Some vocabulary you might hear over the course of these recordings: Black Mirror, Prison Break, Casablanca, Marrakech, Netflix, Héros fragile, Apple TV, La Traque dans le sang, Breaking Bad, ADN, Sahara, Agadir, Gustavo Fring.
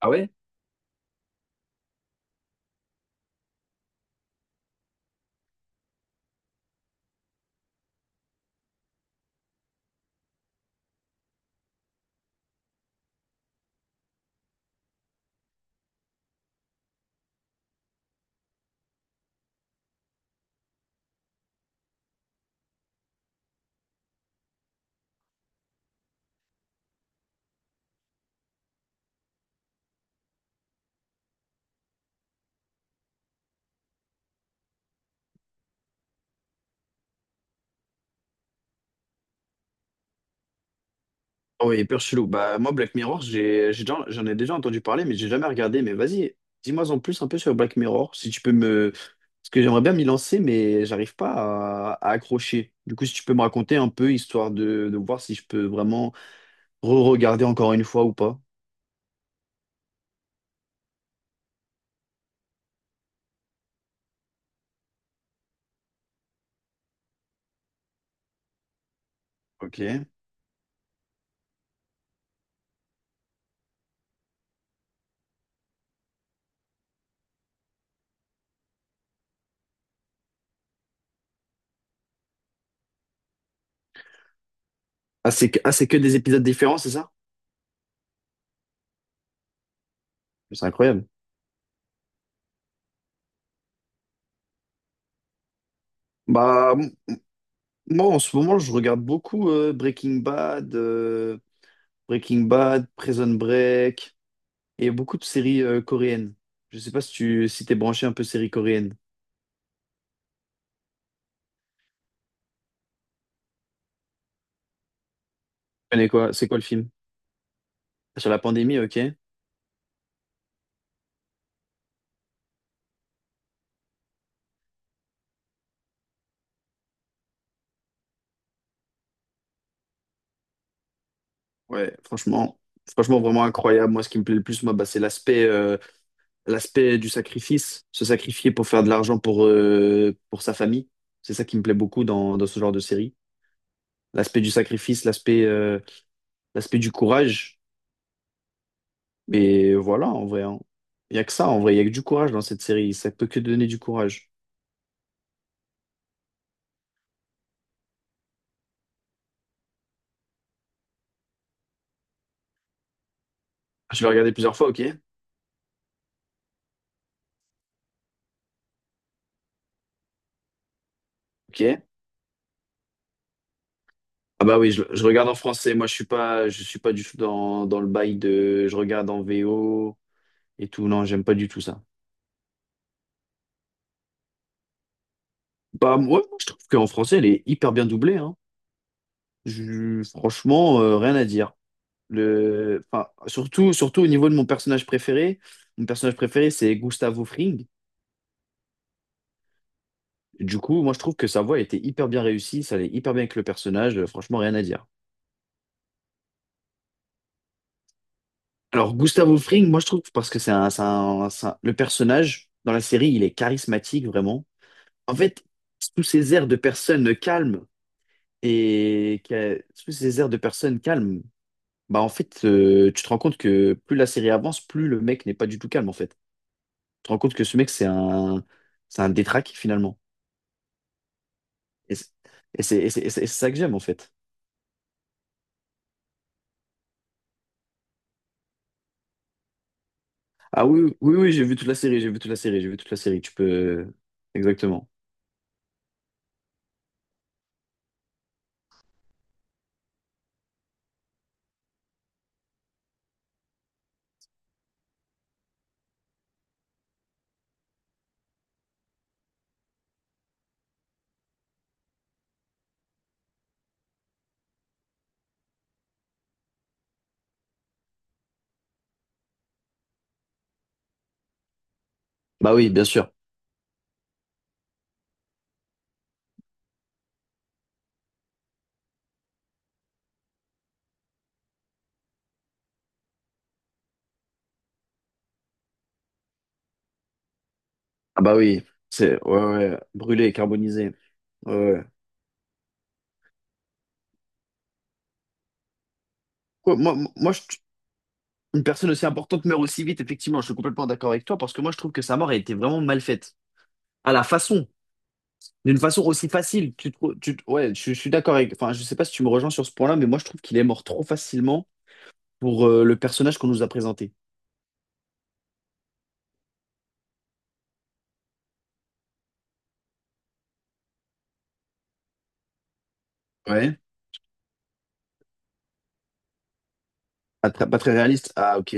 Ah ouais? Ah ouais, hyper chelou. Bah, moi, Black Mirror, j'en ai déjà entendu parler, mais j'ai jamais regardé. Mais vas-y, dis-moi en plus un peu sur Black Mirror, si tu peux me. Parce que j'aimerais bien m'y lancer, mais j'arrive pas à accrocher. Du coup, si tu peux me raconter un peu, histoire de voir si je peux vraiment re-regarder encore une fois ou pas. Ok. Ah, c'est que des épisodes différents, c'est ça? C'est incroyable. Bah, m- Moi, en ce moment, je regarde beaucoup Breaking Bad, Breaking Bad, Prison Break. Et beaucoup de séries coréennes. Je sais pas si tu si t'es branché un peu séries coréennes. Tu connais quoi? C'est quoi le film? Sur la pandémie, ok. Ouais, franchement, franchement vraiment incroyable. Moi, ce qui me plaît le plus, moi, bah, c'est l'aspect l'aspect du sacrifice, se sacrifier pour faire de l'argent pour sa famille. C'est ça qui me plaît beaucoup dans, dans ce genre de série. L'aspect du sacrifice, l'aspect l'aspect du courage. Mais voilà, en vrai, hein. Il y a que ça, en vrai, il y a que du courage dans cette série. Ça peut que donner du courage. Je l'ai regardé plusieurs fois, ok. Ok. Ah bah oui, je regarde en français. Moi, je suis pas du tout dans, dans le bail de je regarde en VO et tout. Non, j'aime pas du tout ça. Bah moi, je trouve qu'en français, elle est hyper bien doublée, hein. Franchement, rien à dire. Le, enfin, surtout, surtout au niveau de mon personnage préféré. Mon personnage préféré, c'est Gustavo Fring. Du coup, moi, je trouve que sa voix était hyper bien réussie. Ça allait hyper bien avec le personnage. Franchement, rien à dire. Alors, Gustavo Fring, moi, je trouve parce que le personnage dans la série, il est charismatique, vraiment. En fait, sous ces airs de personnes calmes et que- sous ces airs de personnes calmes, bah en fait, tu te rends compte que plus la série avance, plus le mec n'est pas du tout calme en fait. Tu te rends compte que ce mec, c'est un détraqué finalement. Et c'est et c'est- et c'est- et c'est- et c'est ça que j'aime en fait. Ah oui, oui, oui, oui, j'ai vu toute la série, j'ai vu toute la série, j'ai vu toute la série. Tu peux. Exactement. Bah oui, bien sûr. Ah bah oui, c'est. Ouais, ouais, brûlé, carbonisé. Ouais, ouais. Quoi, moi, moi, je, Une personne aussi importante meurt aussi vite, effectivement, je suis complètement d'accord avec toi, parce que moi je trouve que sa mort a été vraiment mal faite. À la façon, D'une façon aussi facile. Ouais, je suis d'accord avec. Enfin, je sais pas si tu me rejoins sur ce point-là, mais moi je trouve qu'il est mort trop facilement pour le personnage qu'on nous a présenté. Ouais. Pas très, pas très réaliste. Ah, ok.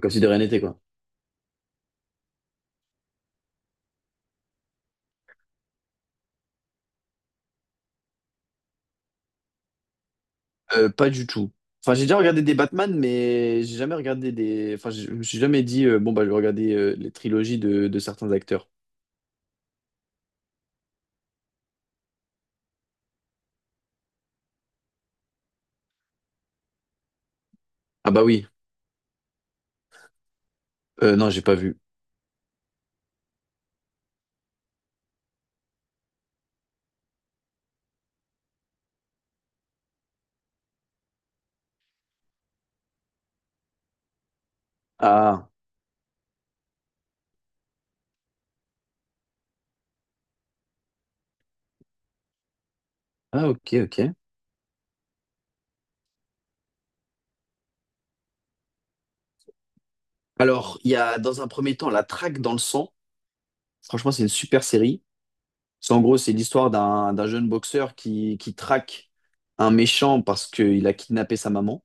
Comme si de rien n'était, quoi. Pas du tout. Enfin, j'ai déjà regardé des Batman, mais j'ai jamais regardé des. Enfin, je me suis jamais dit, bon, bah, je vais regarder les trilogies de certains acteurs. Ah, bah oui. Non, j'ai pas vu. Ah. Ah, ok, ok. Alors, il y a dans un premier temps La Traque dans le sang. Franchement, c'est une super série. C'est l'histoire d'un jeune boxeur qui traque un méchant parce qu'il a kidnappé sa maman.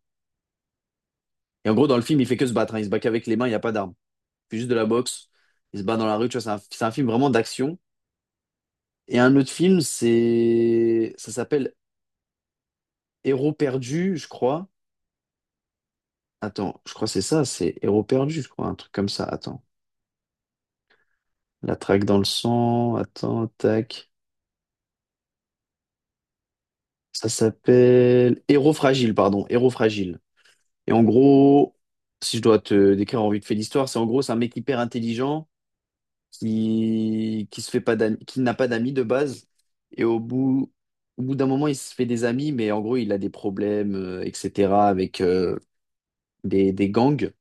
Et en gros, dans le film, il fait que se battre. Hein. Il se bat qu'avec les mains, il n'y a pas d'armes. Il fait juste de la boxe. Il se bat dans la rue. Tu vois, c'est un film vraiment d'action. Et un autre film, c'est ça s'appelle Héros perdu, je crois. Attends, je crois que c'est ça, c'est Héros perdu, je crois, un truc comme ça. Attends. La Traque dans le sang. Attends, tac. Ça s'appelle Héros fragile, pardon, Héros fragile. Et en gros, si je dois te décrire en vite fait l'histoire, c'est en gros, c'est un mec hyper intelligent qui se fait pas d'am- qui n'a pas d'amis de base et au bout au bout d'un moment, il se fait des amis, mais en gros, il a des problèmes, etc. avec des gangs.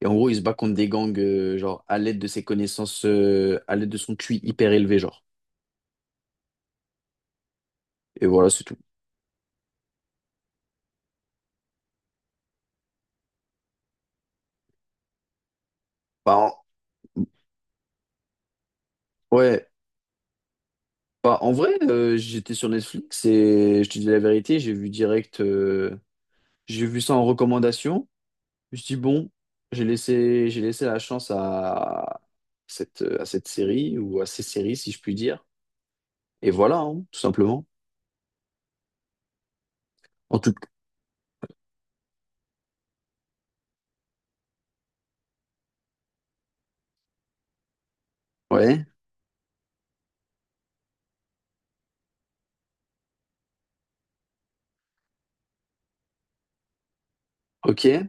Et en gros, il se bat contre des gangs genre à l'aide de ses connaissances, à l'aide de son QI hyper élevé, genre. Et voilà, c'est tout. Bah, en- ouais, Bah, en vrai, j'étais sur Netflix et je te dis la vérité, j'ai vu ça en recommandation. Je me suis dit, bon, j'ai laissé la chance à cette série ou à ces séries, si je puis dire. Et voilà, hein, tout simplement. En tout cas, ouais, ok.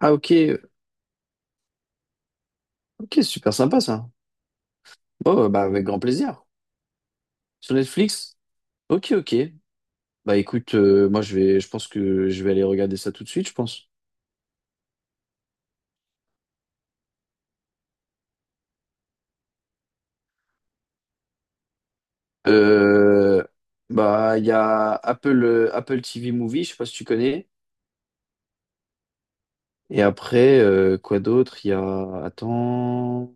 Ah, ok, ok, super sympa ça. Bon, bah, avec grand plaisir. Sur Netflix? Ok, ok. Bah, écoute, moi, je pense que je vais aller regarder ça tout de suite, je pense. Euh, bah, il y a Apple, Apple TV Movie, je sais pas si tu connais. Et après, quoi d'autre? Il y a... Attends...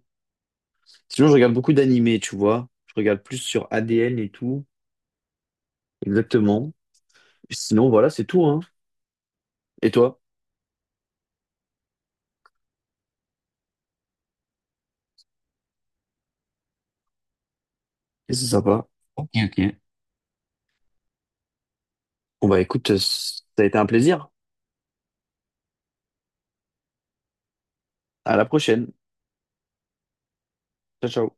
Sinon, je regarde beaucoup d'animés, tu vois. Je regarde plus sur ADN et tout. Exactement. Sinon, voilà, c'est tout, hein. Et toi? Et c'est sympa. Ok, ok. Bon, bah, écoute, ça a été un plaisir. À la prochaine. Ciao, ciao.